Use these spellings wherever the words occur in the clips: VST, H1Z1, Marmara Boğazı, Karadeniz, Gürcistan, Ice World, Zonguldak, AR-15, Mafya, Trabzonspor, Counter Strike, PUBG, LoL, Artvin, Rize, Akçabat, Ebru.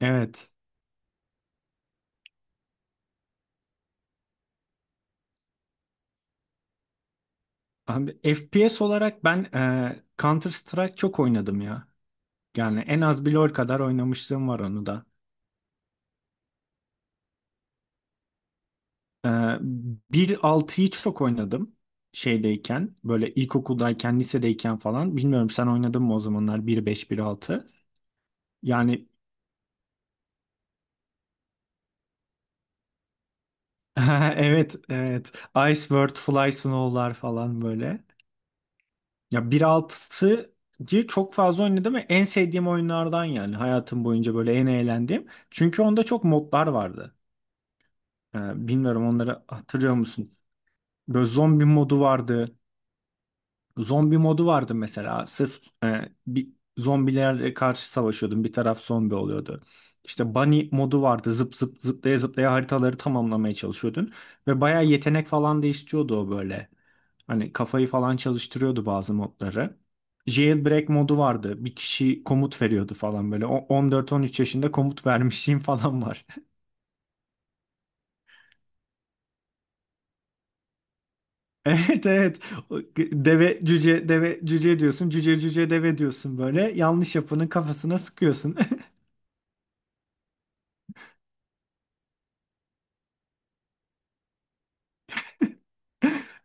Evet. Abi FPS olarak ben Counter Strike çok oynadım ya. Yani en az bir LoL kadar oynamışlığım var onu da. E, bir altıyı çok oynadım şeydeyken. Böyle ilkokuldayken, lisedeyken falan. Bilmiyorum sen oynadın mı o zamanlar bir beş bir altı. Yani evet, evet. Ice World, Fly Snow'lar falan böyle. Ya 1.6'yı çok fazla oynadım ve en sevdiğim oyunlardan, yani hayatım boyunca böyle en eğlendiğim. Çünkü onda çok modlar vardı. Bilmiyorum onları hatırlıyor musun? Böyle zombi modu vardı. Zombi modu vardı mesela. Sırf bir zombilerle karşı savaşıyordun. Bir taraf zombi oluyordu. İşte bunny modu vardı. Zıp zıp zıplaya zıplaya haritaları tamamlamaya çalışıyordun. Ve bayağı yetenek falan da istiyordu o böyle. Hani kafayı falan çalıştırıyordu bazı modları. Jailbreak modu vardı. Bir kişi komut veriyordu falan böyle. 14-13 yaşında komut vermişliğim falan var. Evet, evet. O deve cüce deve cüce diyorsun. Cüce cüce deve diyorsun böyle. Yanlış yapanın kafasına sıkıyorsun.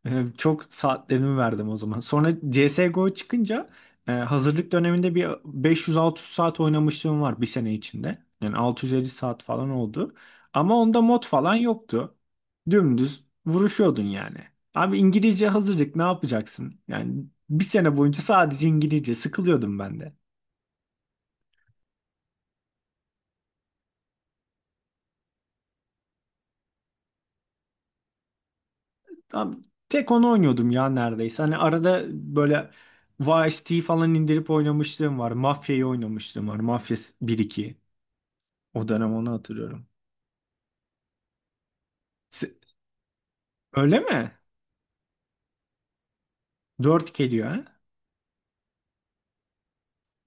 Çok saatlerimi verdim o zaman. Sonra CSGO çıkınca hazırlık döneminde bir 500-600 saat oynamışlığım var bir sene içinde. Yani 650 saat falan oldu. Ama onda mod falan yoktu. Dümdüz vuruşuyordun yani. Abi İngilizce hazırlık ne yapacaksın? Yani bir sene boyunca sadece İngilizce sıkılıyordum ben. Abi, tek onu oynuyordum ya neredeyse. Hani arada böyle VST falan indirip oynamışlığım var. Mafya'yı oynamışlığım var. Mafya bir iki. O dönem onu hatırlıyorum. Se- Öyle mi? 4 geliyor ha?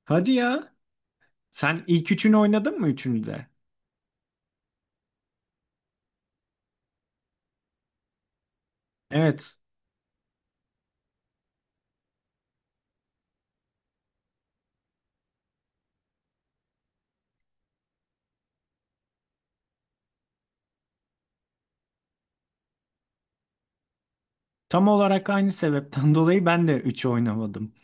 Hadi ya. Sen ilk üçünü oynadın mı, üçünü de? Evet. Tam olarak aynı sebepten dolayı ben de 3'ü oynamadım.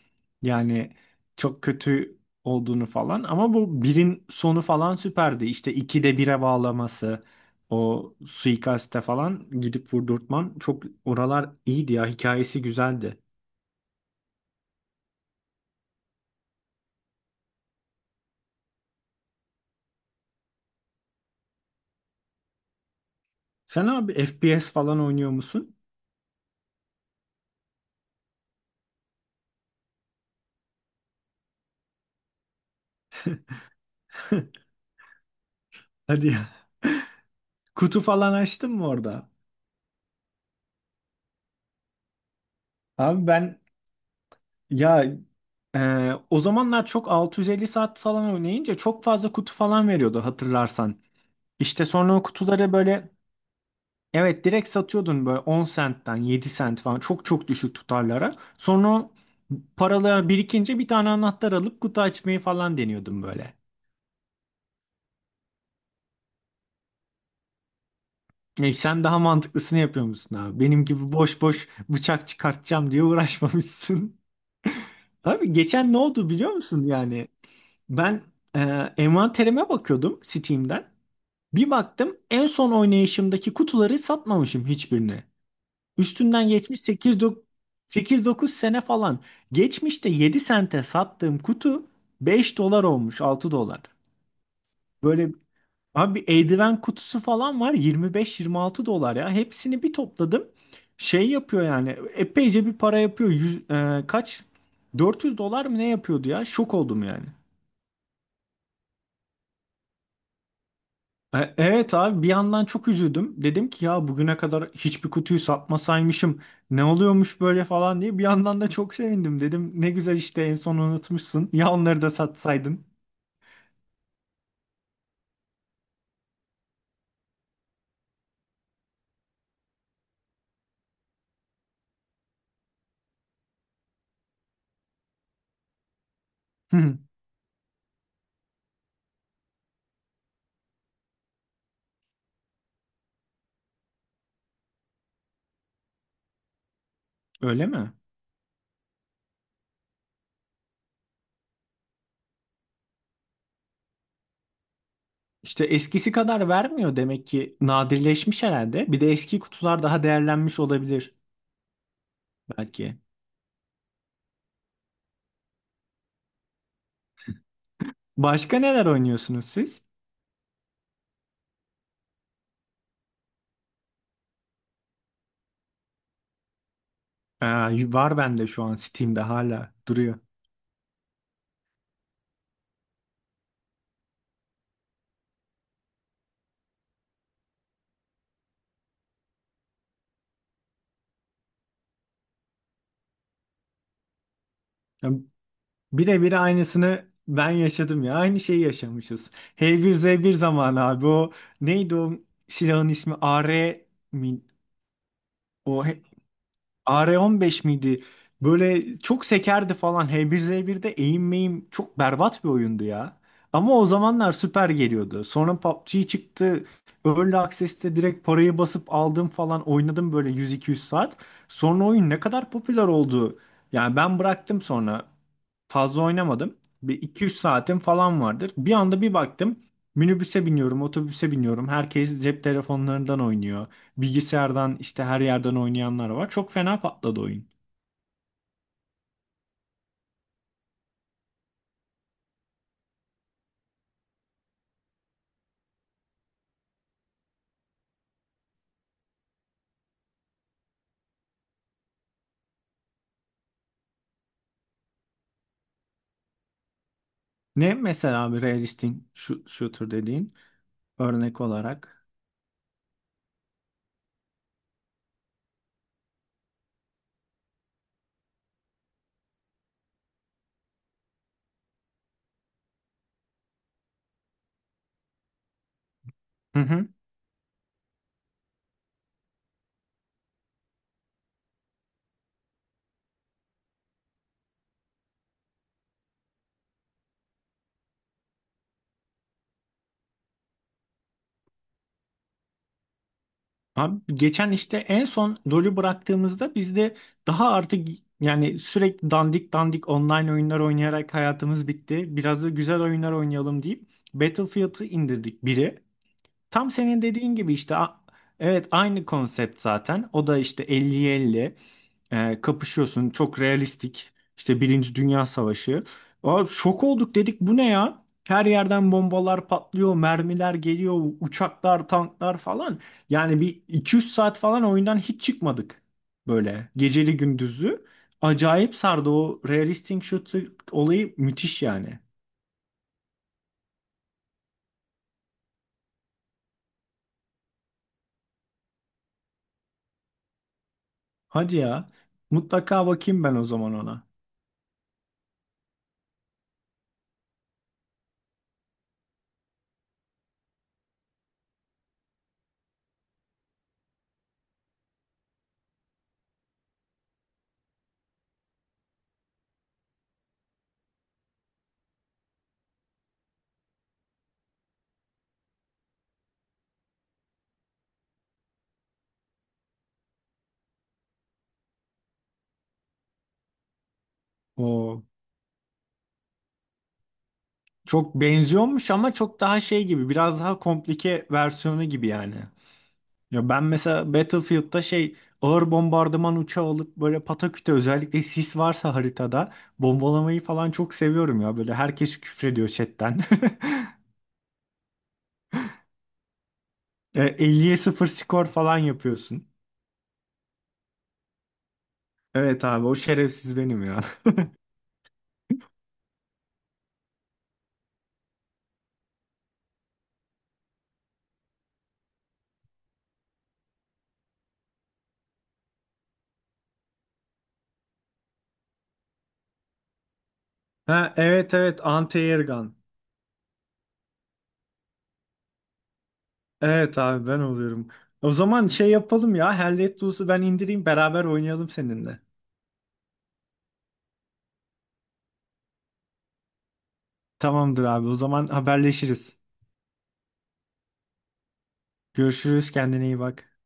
Yani çok kötü olduğunu falan, ama bu birin sonu falan süperdi. İşte 2'de bire bağlaması, o suikaste falan gidip vurdurtman, çok oralar iyiydi ya, hikayesi güzeldi. Sen abi FPS falan oynuyor musun? Hadi ya. Kutu falan açtın mı orada? Abi ben ya o zamanlar çok 650 saat falan oynayınca çok fazla kutu falan veriyordu, hatırlarsan. İşte sonra o kutuları böyle, evet, direkt satıyordun, böyle 10 sentten 7 sent falan, çok çok düşük tutarlara. Sonra o paralar birikince bir tane anahtar alıp kutu açmayı falan deniyordum böyle. E sen daha mantıklısını yapıyor musun abi? Benim gibi boş boş bıçak çıkartacağım diye uğraşmamışsın. Abi geçen ne oldu biliyor musun yani? Ben e, envanterime bakıyordum Steam'den. Bir baktım, en son oynayışımdaki kutuları satmamışım hiçbirini. Üstünden geçmiş 8-9 sene falan. Geçmişte 7 sente sattığım kutu 5 dolar olmuş, 6 dolar. Böyle abi bir eldiven kutusu falan var, 25-26 dolar ya. Hepsini bir topladım. Şey yapıyor yani, epeyce bir para yapıyor. Kaç? 400 dolar mı ne yapıyordu ya? Şok oldum yani. Evet abi, bir yandan çok üzüldüm. Dedim ki ya, bugüne kadar hiçbir kutuyu satmasaymışım. Ne oluyormuş böyle falan diye. Bir yandan da çok sevindim. Dedim ne güzel işte, en son unutmuşsun. Ya onları da satsaydın. Hı. Öyle mi? İşte eskisi kadar vermiyor demek ki. Nadirleşmiş herhalde. Bir de eski kutular daha değerlenmiş olabilir belki. Başka neler oynuyorsunuz siz? Aa, var bende şu an Steam'de hala duruyor. Birebir aynısını ben yaşadım ya. Aynı şeyi yaşamışız. H1Z1 zamanı abi, o neydi o silahın ismi? A. R. mi? O AR-15 miydi? Böyle çok sekerdi falan. H bir z 1'de eğim meyim çok berbat bir oyundu ya. Ama o zamanlar süper geliyordu. Sonra PUBG çıktı. Early Access'te direkt parayı basıp aldım falan, oynadım böyle 100-200 saat. Sonra oyun ne kadar popüler oldu. Yani ben bıraktım sonra. Fazla oynamadım. Bir 2-3 saatim falan vardır. Bir anda bir baktım, minibüse biniyorum, otobüse biniyorum, herkes cep telefonlarından oynuyor. Bilgisayardan işte, her yerden oynayanlar var. Çok fena patladı oyun. Ne mesela bir realistic shooter dediğin, örnek olarak? Hı hı. Abi geçen işte en son LoL'ü bıraktığımızda biz de, daha artık yani sürekli dandik dandik online oyunlar oynayarak hayatımız bitti. Biraz da güzel oyunlar oynayalım deyip Battlefield'ı indirdik biri. Tam senin dediğin gibi işte, evet, aynı konsept zaten. O da işte elli 50 kapışıyorsun. Çok realistik. İşte Birinci Dünya Savaşı. Aa, şok olduk, dedik bu ne ya? Her yerden bombalar patlıyor, mermiler geliyor, uçaklar, tanklar falan. Yani bir iki üç saat falan oyundan hiç çıkmadık. Böyle geceli gündüzlü. Acayip sardı o realistic shooter olayı, müthiş yani. Hadi ya. Mutlaka bakayım ben o zaman ona. O çok benziyormuş ama çok daha şey gibi, biraz daha komplike versiyonu gibi yani. Ya ben mesela Battlefield'da şey, ağır bombardıman uçağı alıp böyle pataküte, özellikle sis varsa haritada bombalamayı falan çok seviyorum ya. Böyle herkes küfrediyor chatten. 50'ye 0 skor falan yapıyorsun. Evet abi o şerefsiz benim ya. Ha, evet evet, anti-air gun. Evet abi ben oluyorum. O zaman şey yapalım ya, Hell Let Loose'u ben indireyim, beraber oynayalım seninle. Tamamdır abi, o zaman haberleşiriz. Görüşürüz, kendine iyi bak.